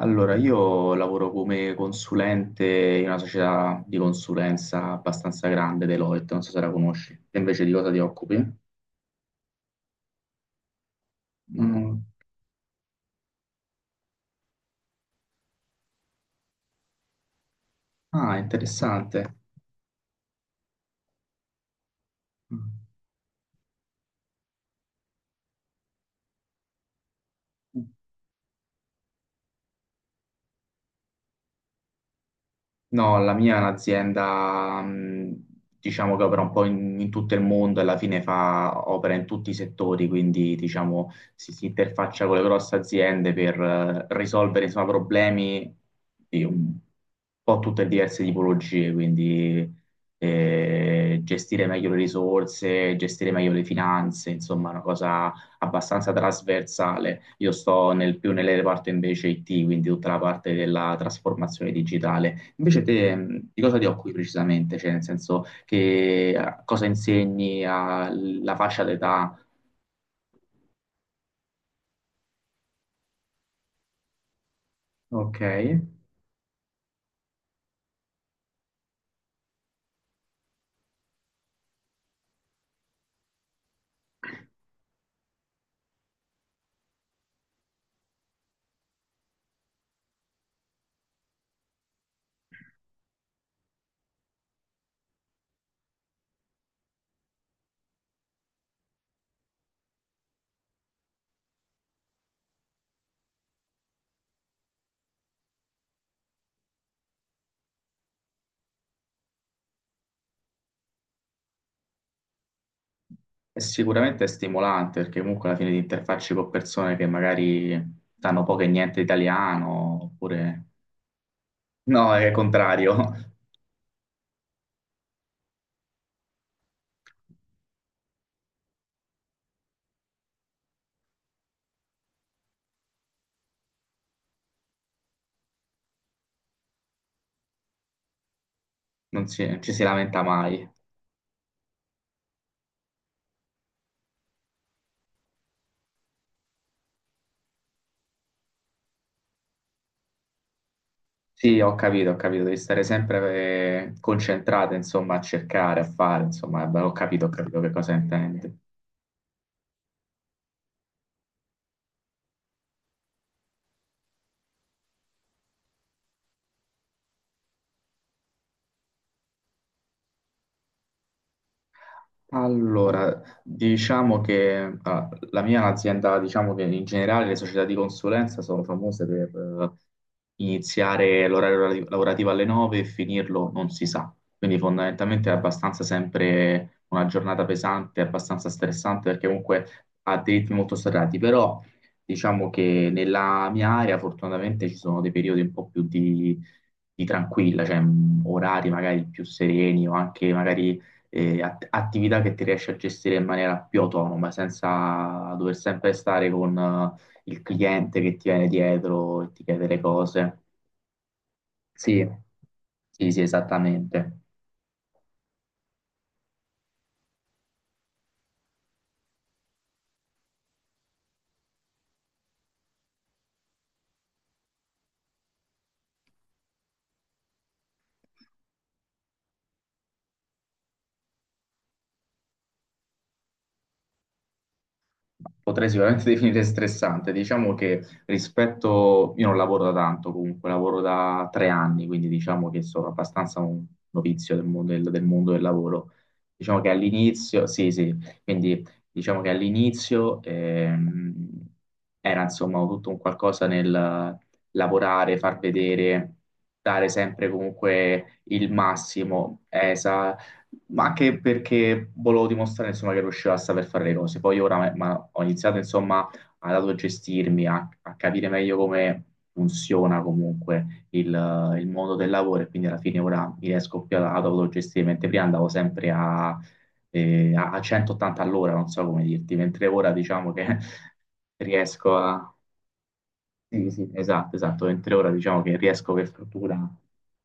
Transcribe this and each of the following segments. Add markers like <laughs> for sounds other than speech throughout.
Allora, io lavoro come consulente in una società di consulenza abbastanza grande, Deloitte, non so se la conosci. Te invece di cosa ti occupi? Mm. Ah, interessante. Mm. No, la mia è un'azienda, diciamo che opera un po' in tutto il mondo e alla fine fa, opera in tutti i settori, quindi diciamo si interfaccia con le grosse aziende per risolvere insomma, problemi di un po' tutte diverse tipologie, quindi gestire meglio le risorse, gestire meglio le finanze, insomma, una cosa abbastanza trasversale. Io sto più nel reparto invece IT, quindi tutta la parte della trasformazione digitale. Invece te, di cosa ti occupi precisamente? Cioè, nel senso che cosa insegni alla fascia d'età? Ok. E sicuramente è stimolante perché comunque alla fine ti interfacci con persone che magari sanno poco e niente italiano, oppure no, è il contrario. <laughs> Non ci si lamenta mai. Sì, ho capito, devi stare sempre concentrato, insomma, a cercare, a fare, insomma, ho capito che cosa intendi. Allora, diciamo che la mia è un'azienda, diciamo che in generale le società di consulenza sono famose per iniziare l'orario lavorativo alle 9 e finirlo non si sa. Quindi fondamentalmente è abbastanza sempre una giornata pesante, abbastanza stressante perché comunque ha dei ritmi molto serrati, però diciamo che nella mia area fortunatamente ci sono dei periodi un po' più di tranquilla, cioè orari magari più sereni o anche magari attività che ti riesci a gestire in maniera più autonoma, senza dover sempre stare con il cliente che ti viene dietro e ti chiede le cose. Sì, sì, sì, esattamente. Potrei sicuramente <laughs> definire stressante. Diciamo che rispetto, io non lavoro da tanto comunque, lavoro da 3 anni, quindi diciamo che sono abbastanza un novizio del mondo del lavoro. Diciamo che all'inizio, sì, sì, quindi diciamo che all'inizio era insomma tutto un qualcosa nel lavorare, far vedere, dare sempre comunque il massimo. Ma anche perché volevo dimostrare insomma, che riuscivo a saper fare le cose. Poi ora ma ho iniziato insomma ad autogestirmi, a capire meglio come funziona comunque il mondo del lavoro e quindi alla fine ora mi riesco più ad autogestire, mentre prima andavo sempre a 180 all'ora, non so come dirti, mentre ora diciamo che <laughs> riesco a... Sì, sì, esatto, esatto, mentre ora diciamo che riesco per fortuna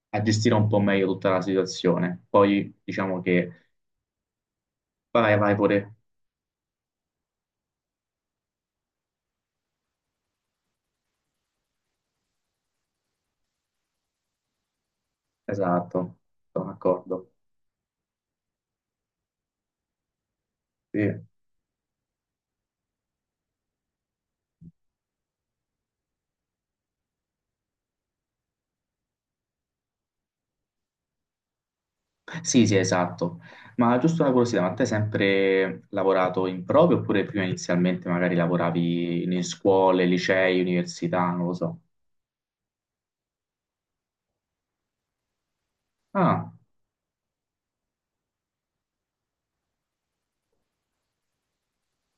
a gestire un po' meglio tutta la situazione. Poi diciamo che Vai, vai pure. Esatto, sono d'accordo. Sì. Sì, sì, esatto. Ma giusto una curiosità, ma te hai sempre lavorato in proprio oppure prima inizialmente magari lavoravi in scuole, licei, università, non lo so. Ah,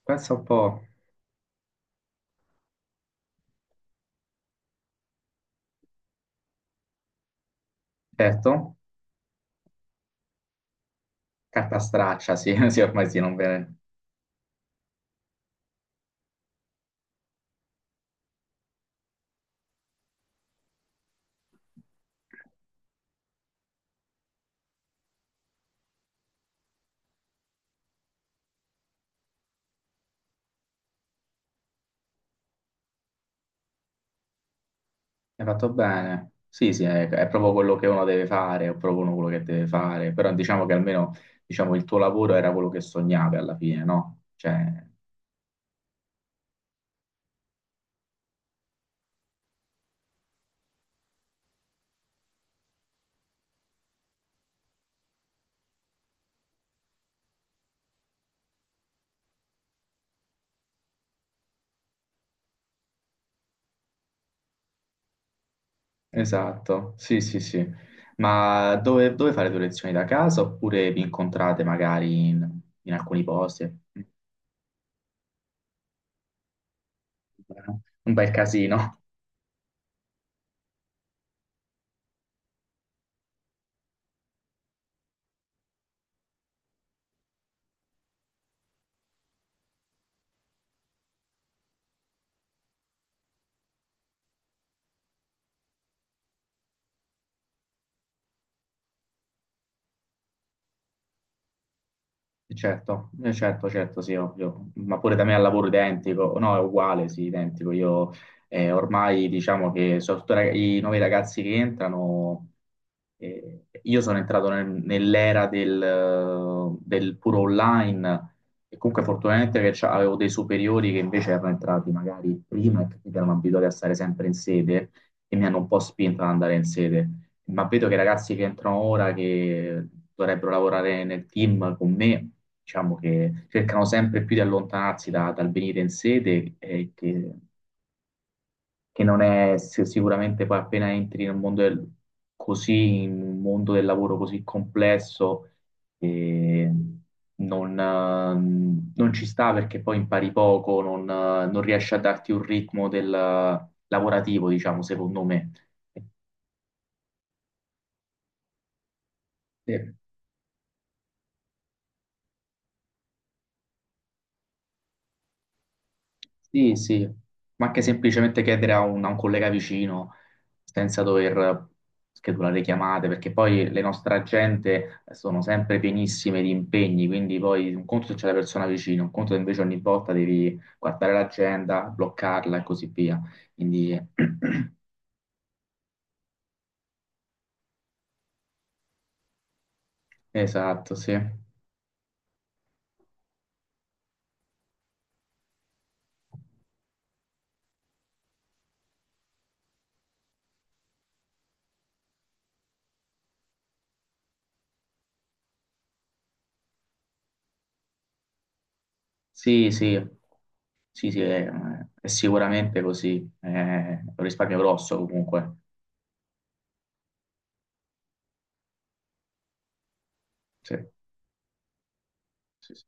pensa un po'. Certo, carta straccia, sì, <laughs> sì, ormai sì, non bene. Hai fatto bene. Sì, sì, è proprio quello che uno deve fare, è proprio uno quello che deve fare, però diciamo che almeno diciamo, il tuo lavoro era quello che sognavi alla fine, no? Cioè, esatto, sì, sì, sì. Ma dove fare le tue lezioni da casa oppure vi incontrate magari in, in alcuni posti? Un bel casino. Certo, certo, certo, sì, ovvio, ma pure da me al lavoro identico, no, è uguale, sì, identico. Io, ormai diciamo che soprattutto i nuovi ragazzi che entrano. Io sono entrato nell'era del puro online e comunque fortunatamente che avevo dei superiori che invece erano entrati magari prima e che quindi erano abituati a stare sempre in sede e mi hanno un po' spinto ad andare in sede, ma vedo che i ragazzi che entrano ora, che dovrebbero lavorare nel team con me, diciamo che cercano sempre più di allontanarsi dal venire in sede, e che non è sicuramente poi appena entri nel mondo così, in un mondo del lavoro così complesso, eh, non, eh, non ci sta perché poi impari poco, non riesci a darti un ritmo del lavorativo, diciamo, secondo me. Eh, Sì, sì, ma anche semplicemente chiedere a un collega vicino senza dover schedulare chiamate, perché poi le nostre agende sono sempre pienissime di impegni, quindi poi un conto se c'è la persona vicino, un conto se invece ogni volta devi guardare l'agenda, bloccarla e così via. Quindi, esatto, sì. Sì, sì, sì, sì, è sicuramente così, è un risparmio grosso comunque. Sì, sì, sì.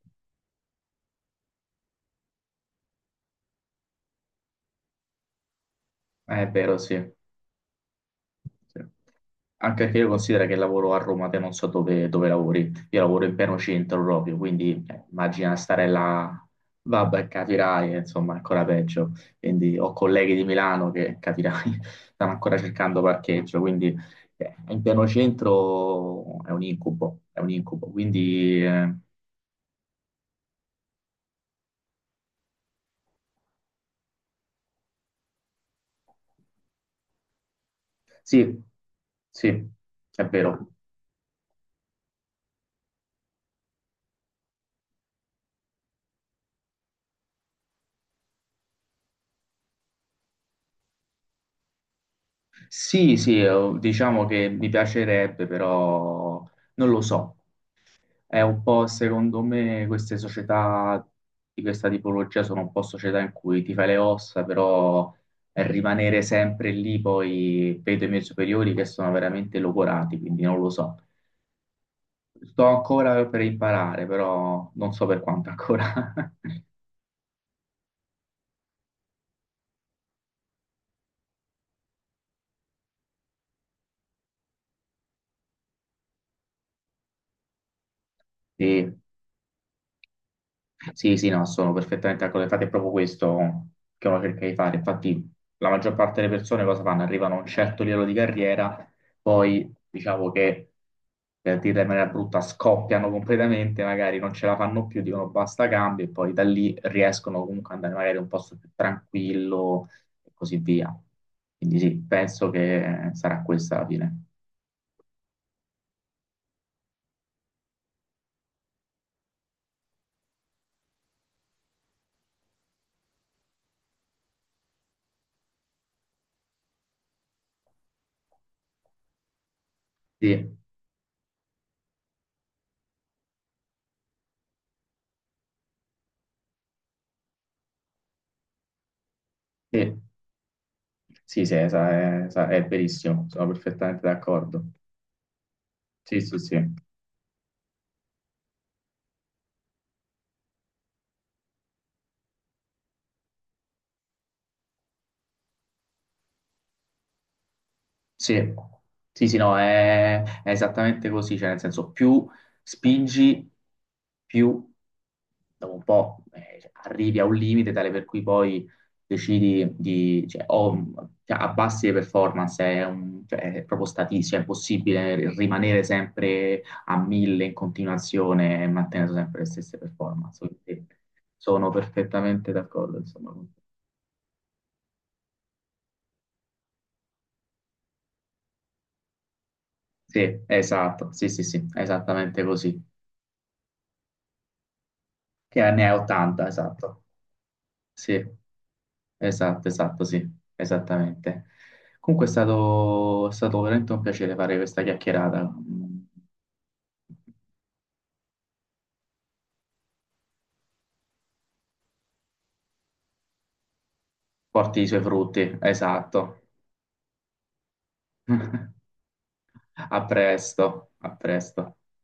È vero, sì. Sì. Anche perché io considero che lavoro a Roma, te non so dove, dove lavori, io lavoro in pieno centro proprio, quindi immagina stare là, vabbè, capirai, insomma, è ancora peggio. Quindi ho colleghi di Milano che, capirai, <laughs> stanno ancora cercando parcheggio, quindi in pieno centro è un incubo, è un incubo. Quindi sì, sì, è vero. Sì, sì, diciamo che mi piacerebbe, però non lo so. È un po', secondo me, queste società di questa tipologia sono un po' società in cui ti fai le ossa, però rimanere sempre lì, poi vedo i miei superiori che sono veramente logorati, quindi non lo so. Sto ancora per imparare, però non so per quanto ancora. <laughs> Sì. Sì, sì, no, sono perfettamente d'accordo. Infatti è proprio questo che uno cerca di fare. Infatti la maggior parte delle persone cosa fanno? Arrivano a un certo livello di carriera, poi diciamo che, per dirla in maniera brutta, scoppiano completamente, magari non ce la fanno più, dicono basta cambio e poi da lì riescono comunque ad andare magari in un posto più tranquillo e così via. Quindi sì, penso che sarà questa la fine. Sì, sì, sì, sì, è verissimo, sono perfettamente d'accordo. Sì, sì, sì. Sì, sì, sì, no, è esattamente così, cioè nel senso più spingi, più dopo un po' cioè, arrivi a un limite tale per cui poi decidi di, cioè, cioè, abbassi le performance, è proprio statistico, è impossibile rimanere sempre a mille in continuazione e mantenere sempre le stesse performance, quindi sono perfettamente d'accordo, insomma, con te. Sì, esatto, sì, sì, sì, esattamente così, che ne è 80, esatto. Sì, esatto, esatto, sì, esattamente. Comunque è stato veramente un piacere fare questa chiacchierata. Mm. Porti i suoi frutti, esatto. <laughs> A presto, a presto.